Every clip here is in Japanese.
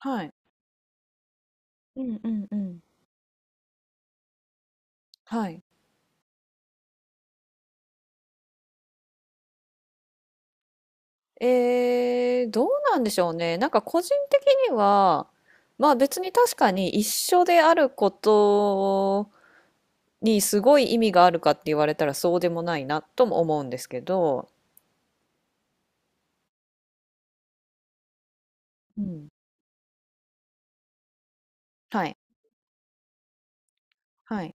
はい。うんうんうん。はい。どうなんでしょうね。なんか個人的には、まあ別に確かに一緒であることにすごい意味があるかって言われたらそうでもないなとも思うんですけど、うん。はい。はい。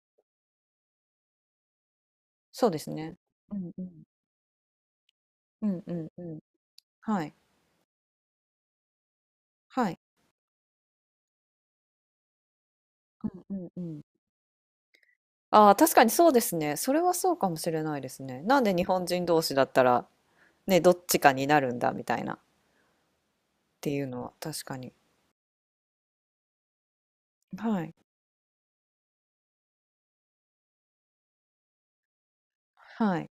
そうですね。うんうん。うんうんうん。はい。はい。うんうんうん。ああ、確かにそうですね。それはそうかもしれないですね。なんで日本人同士だったら、ね、どっちかになるんだみたいなっていうのは確かに。はい。はい。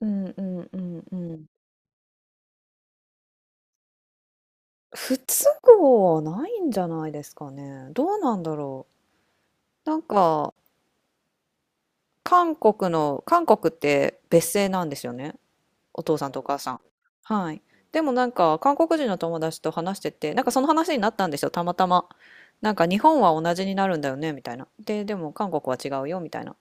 うんうんうんうん。不都合はないんじゃないですかね。どうなんだろう。なんか、韓国の、韓国って別姓なんですよね。お父さんとお母さん。はい。でもなんか、韓国人の友達と話してて、なんかその話になったんですよ、たまたま。なんか日本は同じになるんだよね、みたいな。で、でも韓国は違うよ、みたいな。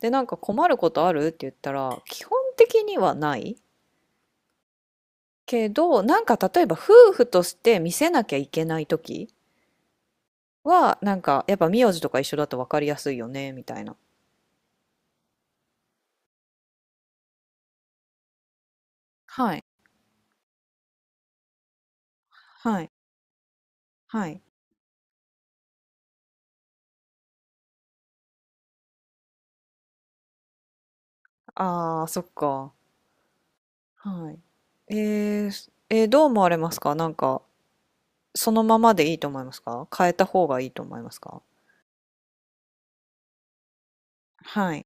で、なんか困ることあるって言ったら、基本的にはない。けど、なんか例えば夫婦として見せなきゃいけない時は、なんかやっぱ名字とか一緒だと分かりやすいよね、みたいな。はい、はい、はい。ああ、そっか。はい。えー、どう思われますかなんか、そのままでいいと思いますか変えた方がいいと思いますか？はい。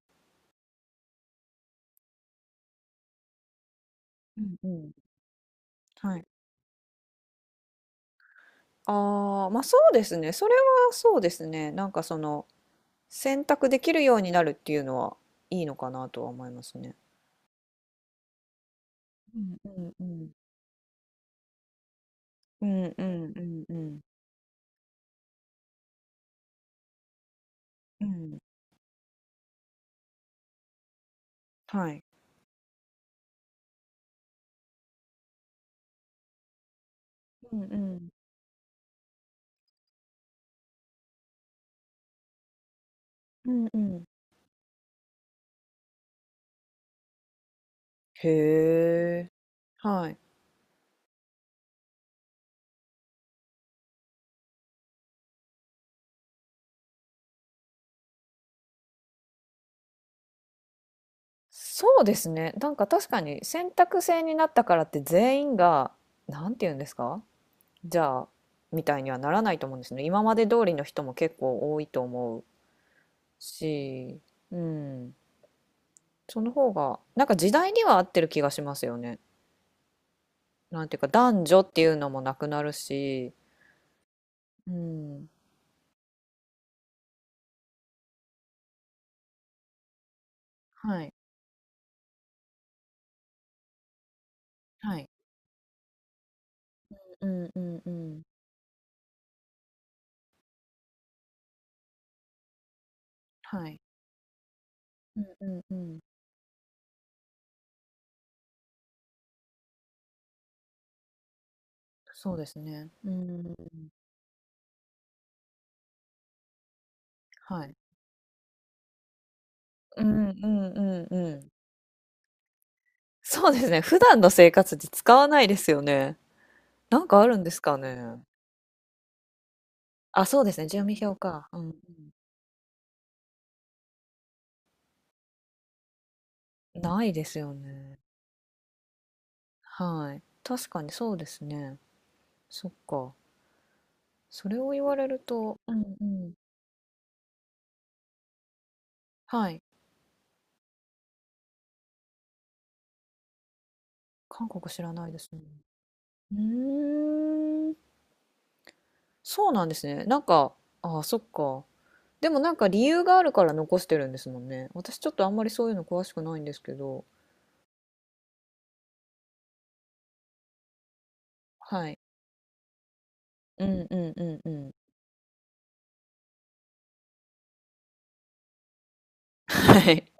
うんうん。はい。ああ、まあそうですね。それはそうですね。なんかその、選択できるようになるっていうのはいいのかなとは思いますね。うんうんうんうんうんうんうん。うん。はい。うんうん。うんうん。へえ。はい。そうですね。なんか確かに選択制になったからって全員が、なんて言うんですかじゃあ、みたいにはならないと思うんですね。今まで通りの人も結構多いと思うし、うん。その方が、なんか時代には合ってる気がしますよね。なんていうか、男女っていうのもなくなるし、うん。はい。はい。うんうんうん。はい。うんうんうん。そうですね。うん。はい。うんうんうんうん。そうですね。普段の生活で使わないですよね。なんかあるんですかね。あ、そうですね。住民票か。うんうん。ないですよね。はい。確かにそうですね。そっか。それを言われると、うんうん。はい。韓国知らないですね。うーん。そうなんですね。なんか、あ、そっか。でもなんか理由があるから残してるんですもんね。私ちょっとあんまりそういうの詳しくないんですけど。はい。うんうんうんうん。はい。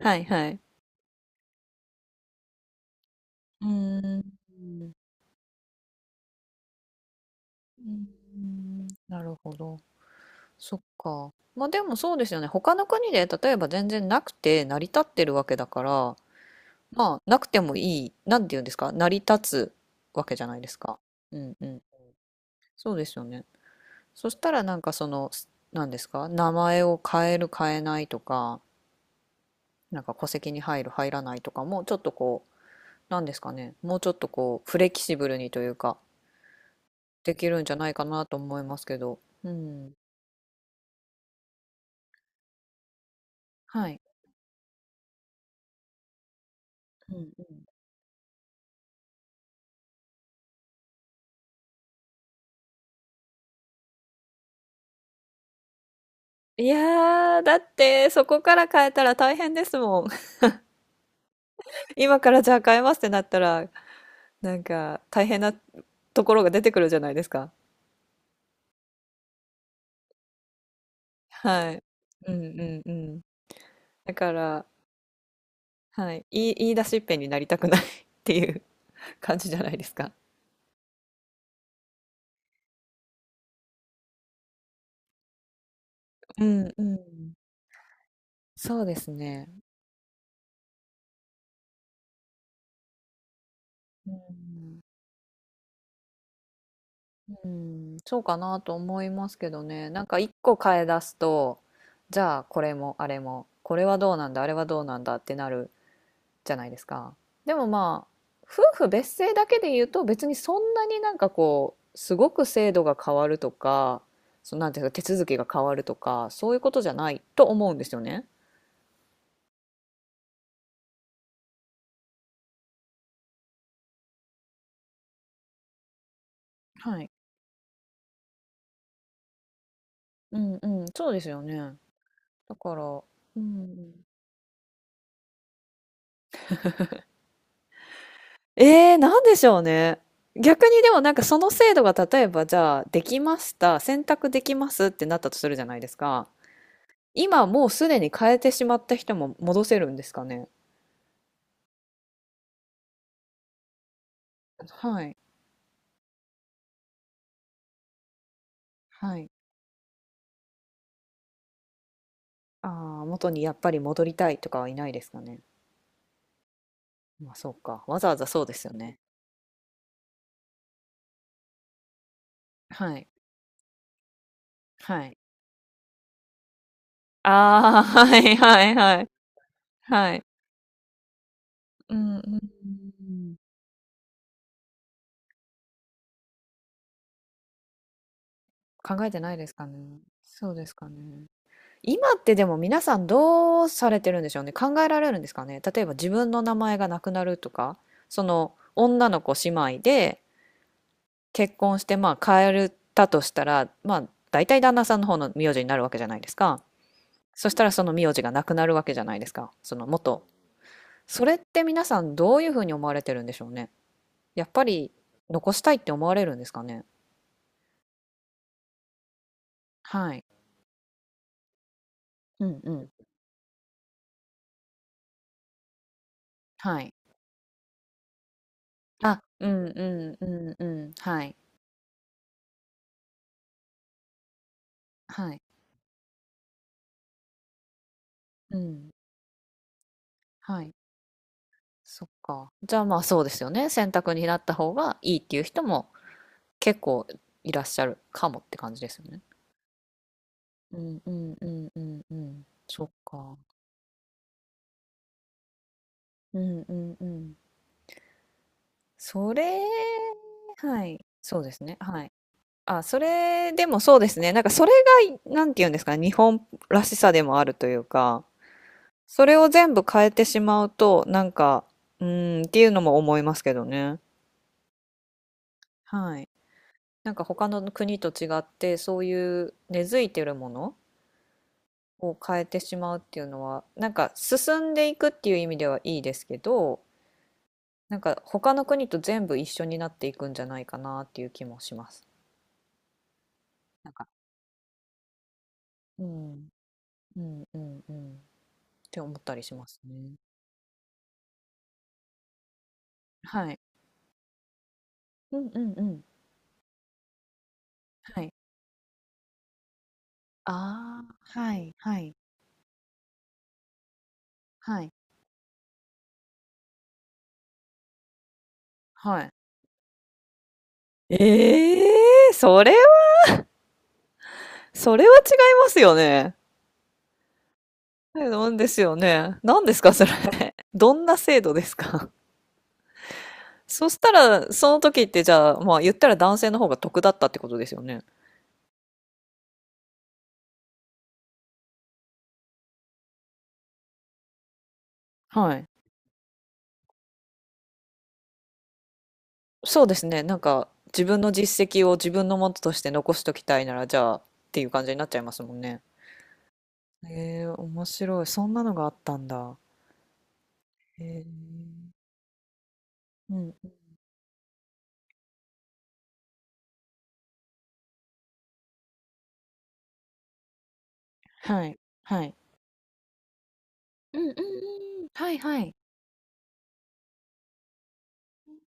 はいはい。うーん。うーんなるほど。そっか。まあでもそうですよね。他の国で例えば全然なくて成り立ってるわけだから、まあなくてもいい、なんて言うんですか、成り立つわけじゃないですか。うんうん。そうですよね。そしたらなんかその、なんですか、名前を変える変えないとか、なんか戸籍に入る入らないとかもちょっとこうなんですかねもうちょっとこうフレキシブルにというかできるんじゃないかなと思いますけどうんはいうんうんいやーだってそこから変えたら大変ですもん。 今からじゃあ変えますってなったらなんか大変なところが出てくるじゃないですかはいうんうんうんだからはい言い出しっぺになりたくない っていう感じじゃないですかうんうんそうですねうんうん、そうかなと思いますけどね。なんか一個変え出すと、じゃあこれもあれも、これはどうなんだ、あれはどうなんだってなるじゃないですか。でもまあ、夫婦別姓だけで言うと別にそんなになんかこう、すごく制度が変わるとか、そうなんていうか手続きが変わるとか、そういうことじゃないと思うんですよね。はい。うんうん、そうですよね。だから、うん。なんでしょうね。逆にでもなんかその制度が例えばじゃあできました、選択できますってなったとするじゃないですか。今もうすでに変えてしまった人も戻せるんですかね。はい。はい。ああ、元にやっぱり戻りたいとかはいないですかね。まあそうか。わざわざそうですよね。はい。はい。ああ、はいはいはい。はい。うんうんうん。考えてないですかね。そうですかね。今ってでも皆さんどうされてるんでしょうね。考えられるんですかね。例えば自分の名前がなくなるとか、その女の子姉妹で結婚してまあ変えたとしたら、まあ大体旦那さんの方の名字になるわけじゃないですか。そしたらその名字がなくなるわけじゃないですか。その元。それって皆さんどういうふうに思われてるんでしょうね。やっぱり残したいって思われるんですかね。はい。うんうん。はい。あ、うんうんうんうん。はい。はい。うん。はい。そっか。じゃあまあそうですよね。選択になった方がいいっていう人も結構いらっしゃるかもって感じですよね。うんうんうんうんうん。そっか。うんうんうん。それ、はい。そうですね。はい。あ、それでもそうですね。なんかそれが、なんていうんですかね、日本らしさでもあるというか、それを全部変えてしまうと、なんか、うーんっていうのも思いますけどね。はい。なんか他の国と違ってそういう根付いてるものを変えてしまうっていうのはなんか進んでいくっていう意味ではいいですけどなんか他の国と全部一緒になっていくんじゃないかなっていう気もします。なんか、うん、うんうんうんって思ったりしますね。はい。うんうんうん。はい。ああ、はいはいはいはい。ええー、それは、それは違いますよね。なんですよね。何ですか、それ。どんな制度ですか。そしたら、その時ってじゃあ、まあ言ったら男性の方が得だったってことですよね。はい。そうですね。なんか、自分の実績を自分のものとして残しときたいなら、じゃあ、っていう感じになっちゃいますもんね。面白い。そんなのがあったんだ。えーうん。はい。はい。うんうんうんうん。はいはい。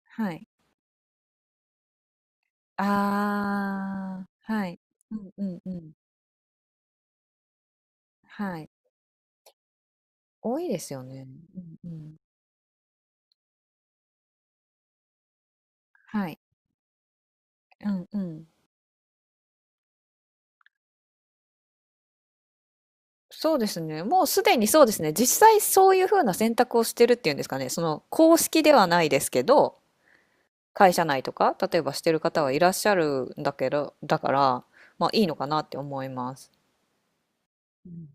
はい。ああ、はい。うんうんうん。はい。多いですよね。うんうん。はい。うんうん。そうですね。もうすでにそうですね。実際そういう風な選択をしてるっていうんですかね。その公式ではないですけど、会社内とか、例えばしてる方はいらっしゃるんだけど、だから、まあいいのかなって思います。うん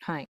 はい。